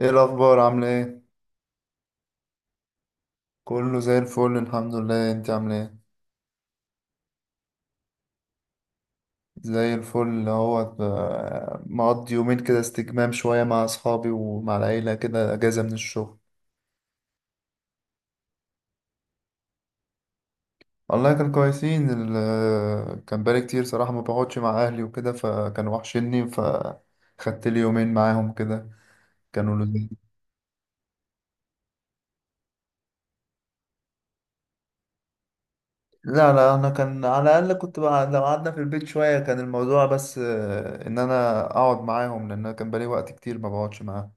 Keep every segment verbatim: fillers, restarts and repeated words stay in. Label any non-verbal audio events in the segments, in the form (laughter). ايه الاخبار عامله ايه؟ كله زي الفل الحمد لله، انت عامله ايه؟ زي الفل، اللي هو ب- مقضي يومين كده استجمام شويه مع اصحابي ومع العيله كده، اجازه من الشغل. والله كان كويسين، ال- كان بقالي كتير صراحه ما بقعدش مع اهلي وكده، فكانوا وحشني فخدت لي يومين معاهم كده. كانوا لذيذ. لا لا، انا كان على الاقل كنت بقعد، لو قعدنا في البيت شويه كان الموضوع بس آه، ان انا اقعد معاهم، لان أنا كان بقالي وقت كتير ما بقعدش معاهم.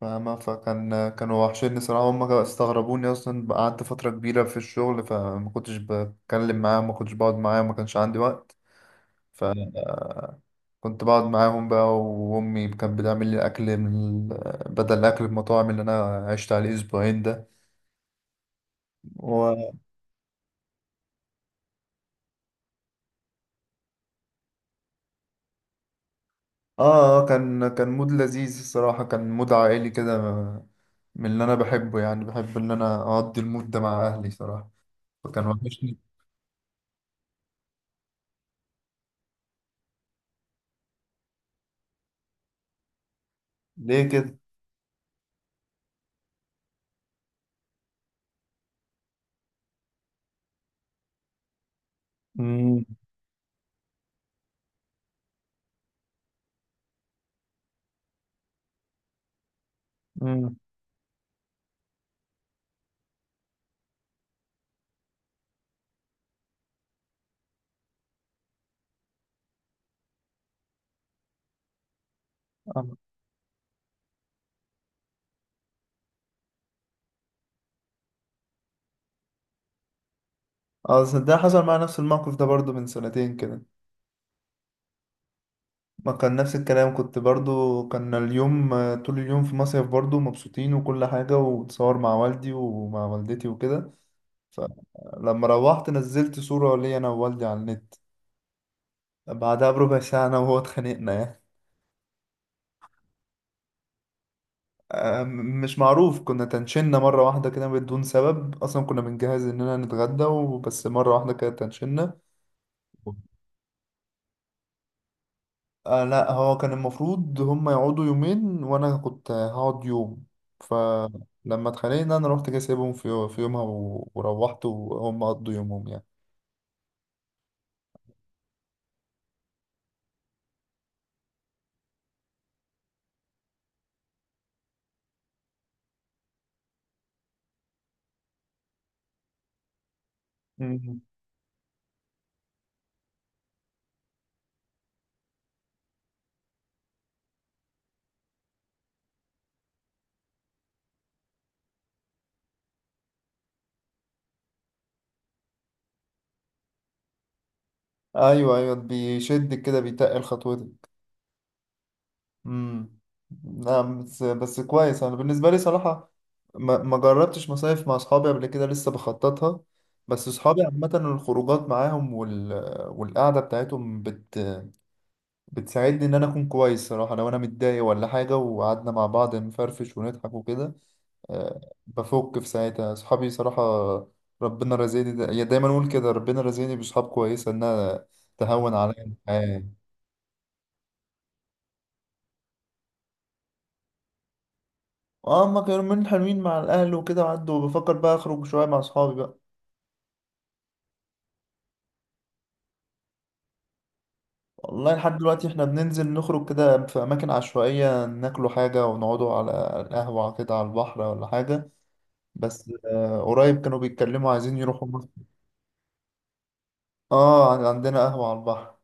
فاهمة؟ فكان كانوا وحشين صراحة، هما استغربوني أصلا، قعدت فترة كبيرة في الشغل فما كنتش بتكلم معاهم، ما كنتش بقعد معاهم، ما كانش عندي وقت. فكنت بقعد معاهم بقى، وأمي كانت بتعمل لي أكل من ال- بدل أكل المطاعم اللي أنا عشت عليه أسبوعين ده. و... آه آه، كان كان مود لذيذ الصراحة، كان مود عائلي كده، من اللي أنا بحبه. يعني بحب إن أنا أقضي المود ده مع أهلي صراحة، فكان وحشني. ليه كده؟ امم اه صدق، حصل معايا نفس الموقف ده برضو من سنتين كده. ما كان نفس الكلام، كنت برضو كان اليوم، آه، طول اليوم في مصيف برضو مبسوطين وكل حاجة، وتصور مع والدي ومع والدتي وكده. فلما روحت نزلت صورة ليا أنا ووالدي على النت. بعدها بربع ساعة أنا وهو اتخانقنا يعني. آه، م- مش معروف، كنا تنشنا مرة واحدة كده بدون سبب أصلا، كنا بنجهز إننا نتغدى وبس مرة واحدة كده تنشنا. آه لا، هو كان المفروض هم يقعدوا يومين وانا كنت هقعد يوم. فلما اتخانقنا انا رحت جاي سايبهم في في يومها، و- وروحت وهم قضوا يومهم يعني. مم. ايوه ايوه، بيشدك كده بيتقل خطوتك. امم. نعم، بس بس كويس. انا بالنسبه لي صراحه ما ما جربتش مصايف مع اصحابي قبل كده، لسه بخططها. بس اصحابي عامه الخروجات معاهم وال... والقعده بتاعتهم بت بتساعدني ان انا اكون كويس صراحه، لو انا متضايق ولا حاجه وقعدنا مع بعض نفرفش ونضحك وكده. آه، بفك في ساعتها صحابي صراحه. ربنا رزقني، دا يا دايما اقول كده، ربنا رزقني بصحاب كويسه، انها تهون عليا الحياه. اه اما كانوا من حلوين مع الاهل وكده وعدوا، بفكر بقى اخرج شويه مع اصحابي بقى. والله لحد دلوقتي احنا بننزل نخرج كده في اماكن عشوائيه، ناكلوا حاجه ونقعدوا على القهوه كده على البحر ولا حاجه. بس آه، قريب كانوا بيتكلموا عايزين يروحوا. اه عندنا قهوة على البحر.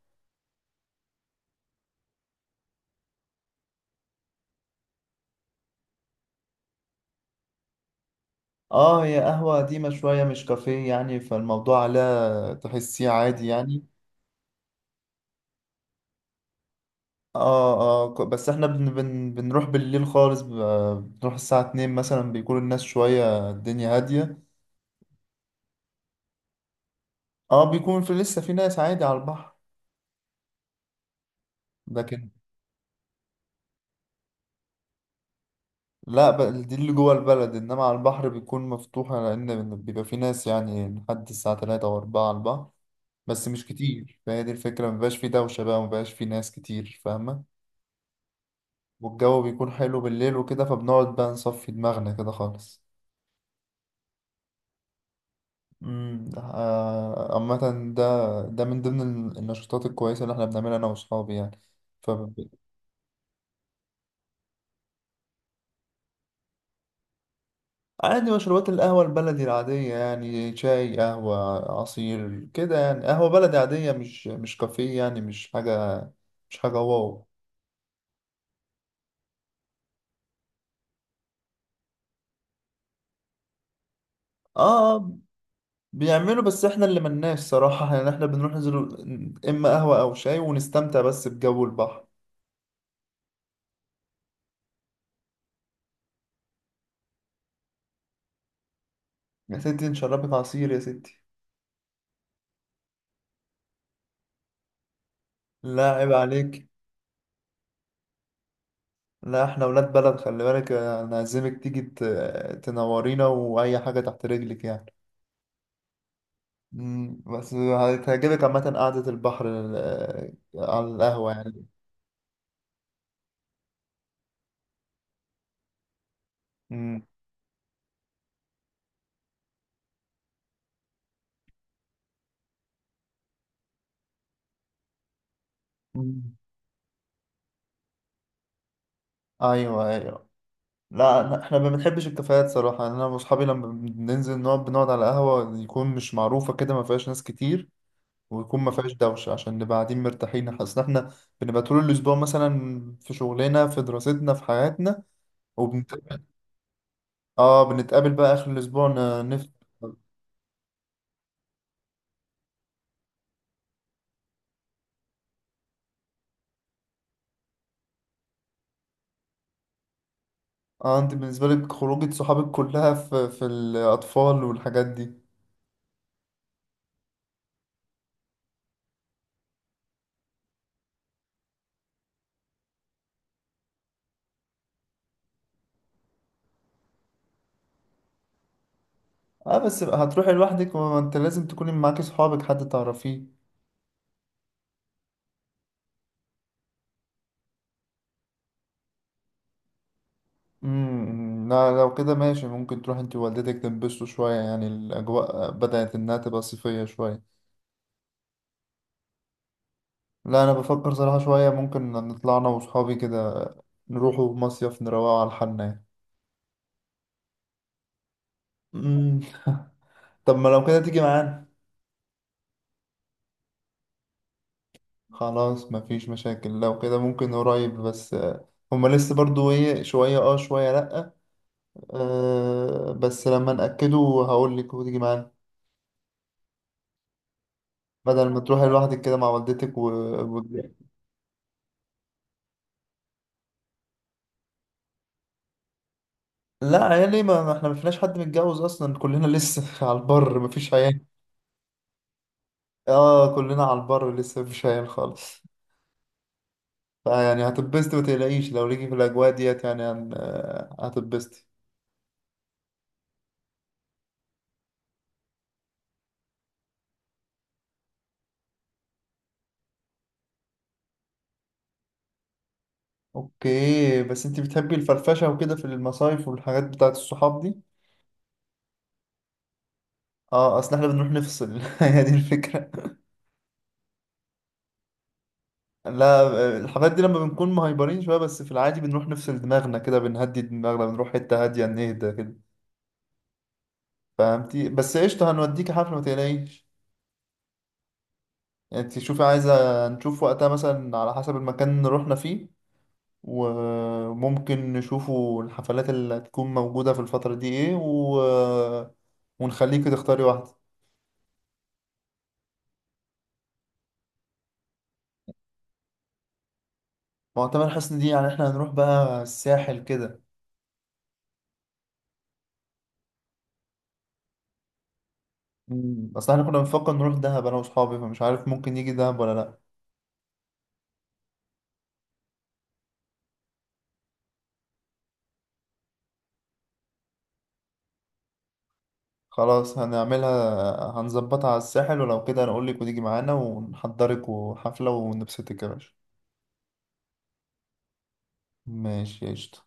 اه، هي قهوة قديمة شوية، مش كافيه يعني، فالموضوع لا تحسيه عادي يعني. اه اه ك- بس احنا بن بن بنروح بالليل خالص، ب- بنروح الساعة اتنين مثلا، بيكون الناس شوية الدنيا هادية. اه بيكون في لسه في ناس عادي على البحر. لكن لا، ب- دي اللي جوه البلد، انما على البحر بيكون مفتوحة لان بيبقى في ناس يعني لحد الساعة تلاتة او اربعة على البحر. بس مش كتير، فهي دي الفكرة، مبقاش في دوشة بقى، مبقاش في ناس كتير. فاهمة؟ والجو بيكون حلو بالليل وكده، فبنقعد بقى نصفي دماغنا كده خالص. امم. آه، عامة ده ده من ضمن ال- النشاطات الكويسة اللي احنا بنعملها أنا وأصحابي يعني. فب- عادي، مشروبات القهوة البلدي العادية يعني، شاي قهوة عصير كده يعني، قهوة بلدي عادية، مش مش كافيه يعني، مش حاجة، مش حاجة واو. اه، آه، بيعملوا، بس احنا اللي ملناش صراحة يعني، احنا بنروح ننزل اما قهوة او شاي ونستمتع بس بجو البحر. يا ستي نشربك عصير يا ستي. لا عيب عليك، لا احنا ولاد بلد خلي بالك، انا عازمك تيجي ت- تنورينا، واي حاجه تحت رجلك يعني. مم، بس هتعجبك عامه قعده البحر ال- على القهوه يعني. مم. مم. ايوه ايوه. لا أنا- احنا ما بنحبش الكافيهات صراحه، يعني انا واصحابي لما بننزل نقعد بنقعد على قهوه يكون مش معروفه كده، ما فيهاش ناس كتير، ويكون ما فيهاش دوشه، عشان نبقى قاعدين مرتاحين، حاسس ان احنا بنبقى طول الاسبوع مثلا في شغلنا في دراستنا في حياتنا. اه بنتقابل بقى اخر الاسبوع، ن- نفطر. اه، انت بالنسبه لك خروجه صحابك كلها في في الاطفال والحاجات دي. اه، بس هتروحي لوحدك؟ ما انت لازم تكوني معاكي صحابك، حد تعرفيه. امم، لا لو كده ماشي، ممكن تروح انت ووالدتك تنبسطوا شويه يعني، الاجواء بدات انها تبقى صيفيه شويه. لا انا بفكر صراحه شويه ممكن نطلع انا وصحابي كده، نروحوا مصيف نروقوا على حالنا يعني. امم. طب ما لو كده تيجي معانا. خلاص مفيش مشاكل، لو كده ممكن قريب، بس هما لسه برضو ايه، شوية اه شوية لأ. آه بس لما نأكده هقول لك وتيجي معانا، بدل ما تروحي لوحدك كده مع والدتك و... و... لا عيالي ما ما احنا ما فيناش حد متجوز اصلا، كلنا لسه (laughs) على البر مفيش عيال. اه كلنا على البر لسه مفيش عيال خالص. فيعني هتتبسطي ما تقلقيش، لو ليكي في الاجواء ديت يعني، هن... آه، هتتبسطي. اوكي، بس انت بتحبي الفرفشة وكده في المصايف والحاجات بتاعت الصحاب دي؟ اه اصل احنا بنروح نفصل (laughs) هي دي الفكرة. لا الحاجات دي لما بنكون مهايبرين شوية، بس في العادي بنروح نفصل دماغنا كده، بنهدي دماغنا، بنروح حتة هادية نهدى كده. فهمتي؟ بس قشطة هنوديك حفلة ما تقلقيش. يعني انت شوفي، عايزة نشوف وقتها مثلا على حسب المكان اللي رحنا فيه، وممكن نشوفوا الحفلات اللي هتكون موجودة في الفترة دي ايه، و... ونخليكي تختاري واحدة. معتمر حسني دي يعني احنا هنروح بقى الساحل كده. مم. اصل احنا كنا بنفكر نروح دهب انا واصحابي، فمش عارف ممكن يجي دهب ولا لا. خلاص هنعملها، هنظبطها على الساحل، ولو كده هنقولك وتيجي معانا ونحضرك وحفلة ونبسطك يا باشا. ماشي قشطة.